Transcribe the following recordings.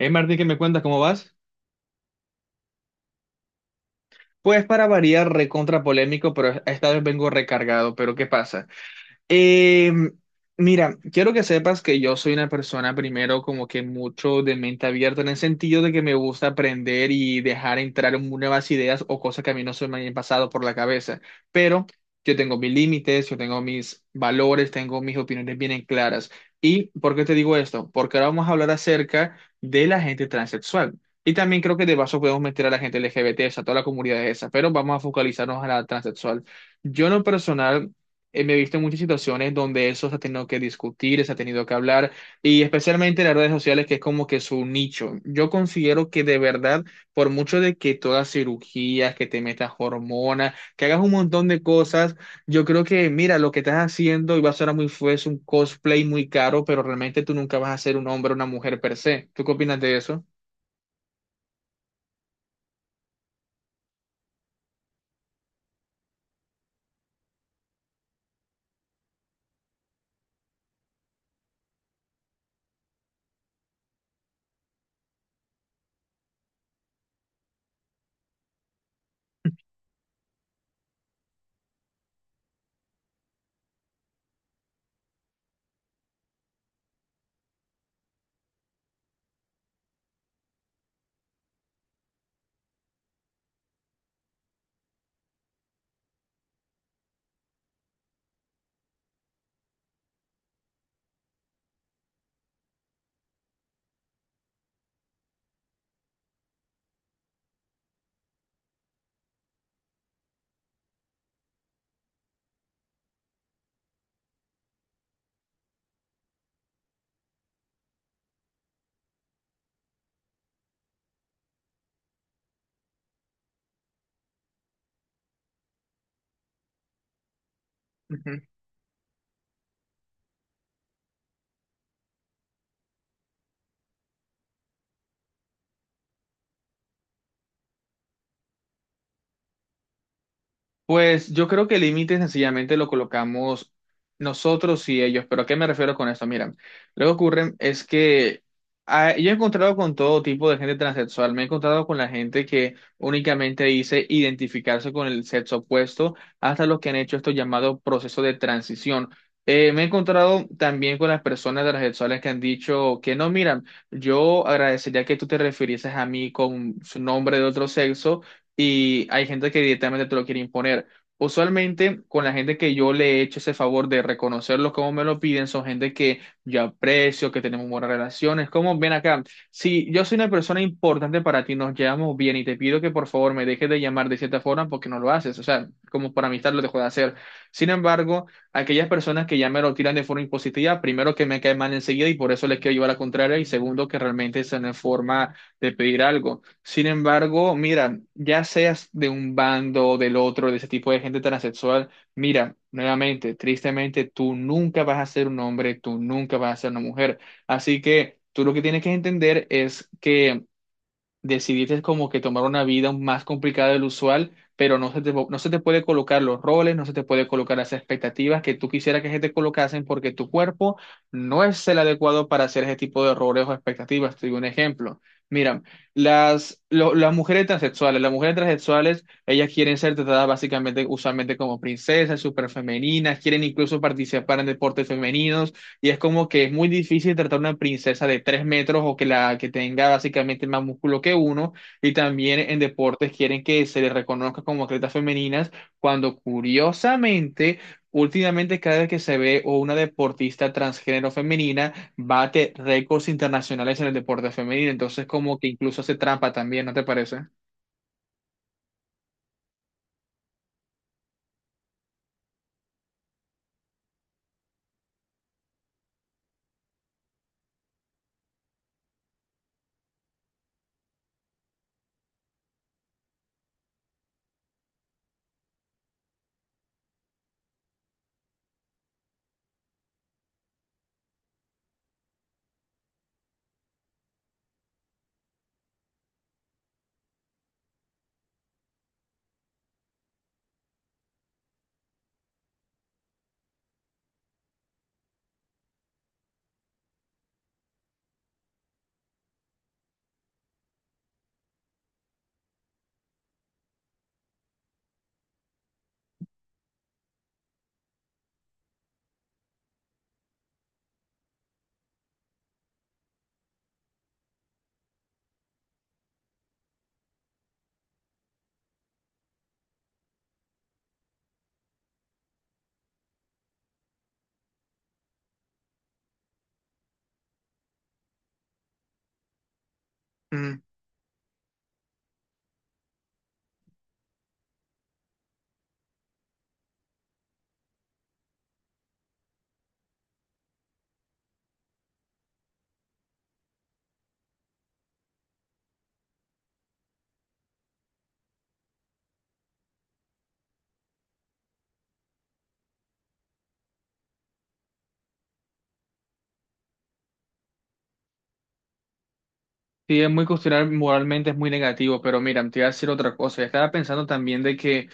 Hey Martín, ¿qué me cuentas? ¿Cómo vas? Pues para variar, recontra polémico, pero esta vez vengo recargado. ¿Pero qué pasa? Eh, Mira, quiero que sepas que yo soy una persona primero como que mucho de mente abierta en el sentido de que me gusta aprender y dejar entrar en nuevas ideas o cosas que a mí no se me hayan pasado por la cabeza. Pero yo tengo mis límites, yo tengo mis valores, tengo mis opiniones bien claras. ¿Y por qué te digo esto? Porque ahora vamos a hablar acerca de la gente transexual. Y también creo que de paso podemos meter a la gente LGBT, a toda la comunidad esa, pero vamos a focalizarnos a la transexual. Yo en lo personal me he visto en muchas situaciones donde eso se ha tenido que discutir, se ha tenido que hablar, y especialmente en las redes sociales, que es como que su nicho. Yo considero que de verdad, por mucho de que tú hagas cirugías, que te metas hormonas, que hagas un montón de cosas, yo creo que, mira, lo que estás haciendo, y va a sonar muy feo, es un cosplay muy caro, pero realmente tú nunca vas a ser un hombre o una mujer per se. ¿Tú qué opinas de eso? Pues yo creo que el límite sencillamente lo colocamos nosotros y ellos, pero ¿a qué me refiero con esto? Mira, lo que ocurre es que yo he encontrado con todo tipo de gente transexual, me he encontrado con la gente que únicamente dice identificarse con el sexo opuesto, hasta los que han hecho esto llamado proceso de transición. Me he encontrado también con las personas transexuales que han dicho que no, mira, yo agradecería que tú te refirieses a mí con su nombre de otro sexo y hay gente que directamente te lo quiere imponer. Usualmente, con la gente que yo le he hecho ese favor de reconocerlo como me lo piden, son gente que yo aprecio, que tenemos buenas relaciones. Como ven acá, si yo soy una persona importante para ti, nos llevamos bien y te pido que por favor me dejes de llamar de cierta forma porque no lo haces. O sea, como por amistad lo dejo de hacer. Sin embargo, aquellas personas que ya me lo tiran de forma impositiva, primero que me cae mal enseguida y por eso les quiero llevar a la contraria, y segundo que realmente es una forma de pedir algo. Sin embargo, mira, ya seas de un bando, del otro, de ese tipo de gente transexual, mira, nuevamente, tristemente, tú nunca vas a ser un hombre, tú nunca vas a ser una mujer. Así que tú lo que tienes que entender es que decidiste como que tomar una vida más complicada del usual, pero no se te puede colocar los roles, no se te puede colocar las expectativas que tú quisieras que se te colocasen porque tu cuerpo no es el adecuado para hacer ese tipo de roles o expectativas. Te digo un ejemplo. Mira, las mujeres transexuales, ellas quieren ser tratadas básicamente, usualmente como princesas, súper femeninas, quieren incluso participar en deportes femeninos y es como que es muy difícil tratar una princesa de tres metros o que la que tenga básicamente más músculo que uno. Y también en deportes quieren que se le reconozca como atletas femeninas, cuando curiosamente, últimamente cada vez que se ve o una deportista transgénero femenina bate récords internacionales en el deporte femenino. Entonces como que incluso hace trampa también, ¿no te parece? Mm. Sí, es muy cuestionable, moralmente es muy negativo, pero mira, te iba a decir otra cosa. Estaba pensando también de que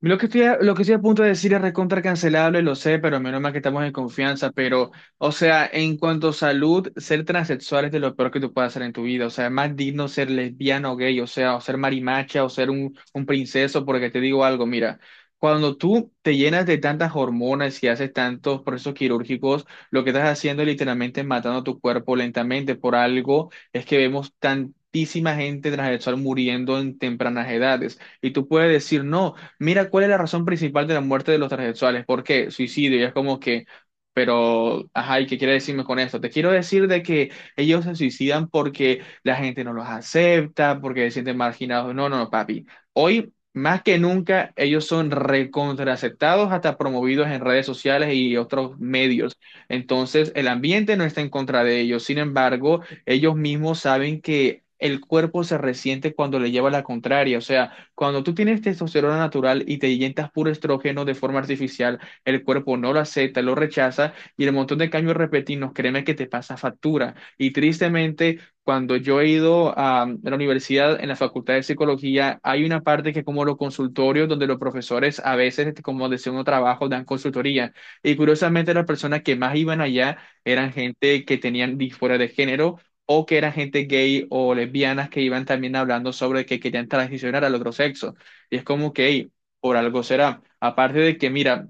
Lo que estoy a punto de decir es recontra cancelable, lo sé, pero menos mal que estamos en confianza. Pero, o sea, en cuanto a salud, ser transexual es de lo peor que tú puedas hacer en tu vida. O sea, es más digno ser lesbiano o gay, o sea, o ser marimacha, o ser un princeso, porque te digo algo, mira, cuando tú te llenas de tantas hormonas y haces tantos procesos quirúrgicos, lo que estás haciendo es literalmente matando tu cuerpo lentamente. Por algo es que vemos tantísima gente transexual muriendo en tempranas edades. Y tú puedes decir, no mira, ¿cuál es la razón principal de la muerte de los transexuales? ¿Por qué? Suicidio. Y es como que, pero, ajá, ¿y qué quiere decirme con esto? Te quiero decir de que ellos se suicidan porque la gente no los acepta, porque se sienten marginados. No, no, no, papi. Hoy, más que nunca, ellos son recontraaceptados, hasta promovidos en redes sociales y otros medios. Entonces, el ambiente no está en contra de ellos. Sin embargo, ellos mismos saben que… El cuerpo se resiente cuando le lleva la contraria, o sea, cuando tú tienes testosterona natural y te inyectas puro estrógeno de forma artificial, el cuerpo no lo acepta, lo rechaza y el montón de cambios repentinos, créeme que te pasa factura. Y tristemente, cuando yo he ido a la universidad, en la facultad de psicología, hay una parte que es como los consultorios, donde los profesores a veces, este, como de segundo trabajo, dan consultoría. Y curiosamente, las personas que más iban allá eran gente que tenían disforia de género o que eran gente gay o lesbianas que iban también hablando sobre que querían transicionar al otro sexo. Y es como que, hey, por algo será. Aparte de que, mira,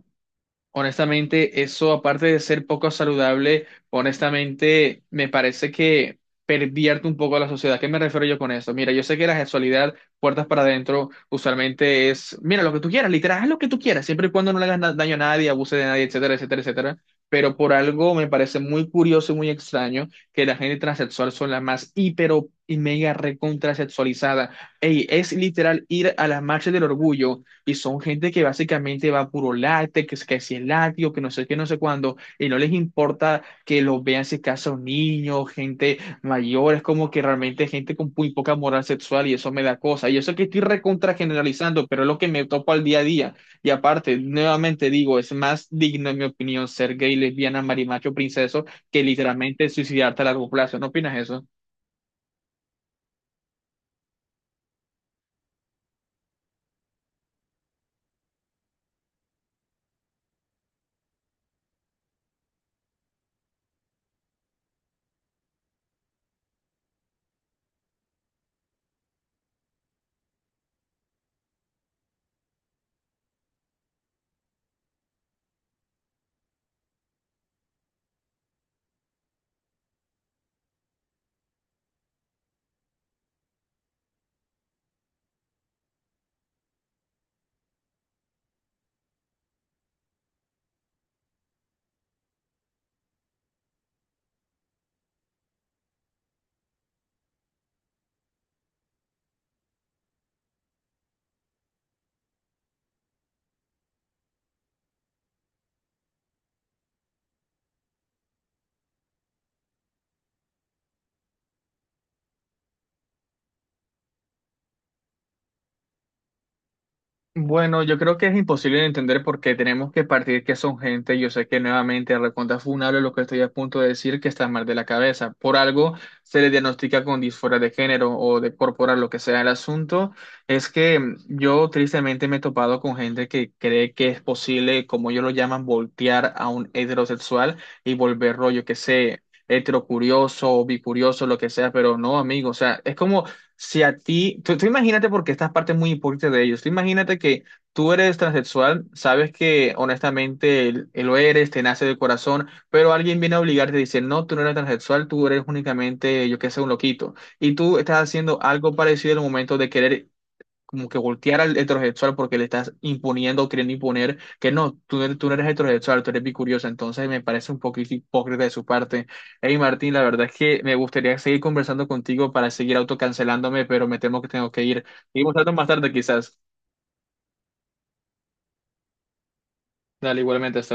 honestamente, eso aparte de ser poco saludable, honestamente me parece que pervierte un poco a la sociedad. ¿Qué me refiero yo con eso? Mira, yo sé que la sexualidad, puertas para adentro, usualmente es, mira, lo que tú quieras, literal, haz lo que tú quieras, siempre y cuando no le hagas daño a nadie, abuse de nadie, etcétera, etcétera, etcétera. Pero por algo me parece muy curioso y muy extraño que la gente transexual son las más hiper y mega recontrasexualizada. Ey, es literal ir a las marchas del orgullo y son gente que básicamente va a puro látex, que, que si es látigo, que no sé qué, no sé cuándo, y no les importa que los vean si casa un niño, gente mayor, es como que realmente gente con muy poca moral sexual y eso me da cosa. Y eso que estoy recontra generalizando, pero es lo que me topo al día a día. Y aparte, nuevamente digo, es más digno, en mi opinión, ser gay, lesbiana, marimacho, princeso, que literalmente suicidarte a largo plazo. ¿No opinas eso? Bueno, yo creo que es imposible de entender porque tenemos que partir que son gente. Yo sé que nuevamente recontra funable lo que estoy a punto de decir, que está mal de la cabeza. Por algo se le diagnostica con disforia de género o de corporal, lo que sea el asunto. Es que yo tristemente me he topado con gente que cree que es posible, como ellos lo llaman, voltear a un heterosexual y volverlo, yo que sé, heterocurioso o bicurioso, lo que sea, pero no, amigo. O sea, es como si a ti, tú imagínate porque esta parte es muy importante de ellos. Tú imagínate que tú eres transexual, sabes que honestamente el lo eres, te nace del corazón, pero alguien viene a obligarte a decir, no, tú no eres transexual, tú eres únicamente, yo qué sé, un loquito. Y tú estás haciendo algo parecido en el momento de querer como que voltear al heterosexual porque le estás imponiendo o queriendo imponer que no, tú no eres heterosexual, tú eres bicuriosa, entonces me parece un poquito hipócrita de su parte. Hey Martín, la verdad es que me gustaría seguir conversando contigo para seguir autocancelándome, pero me temo que tengo que ir. Seguimos hablando más tarde quizás. Dale, igualmente, hasta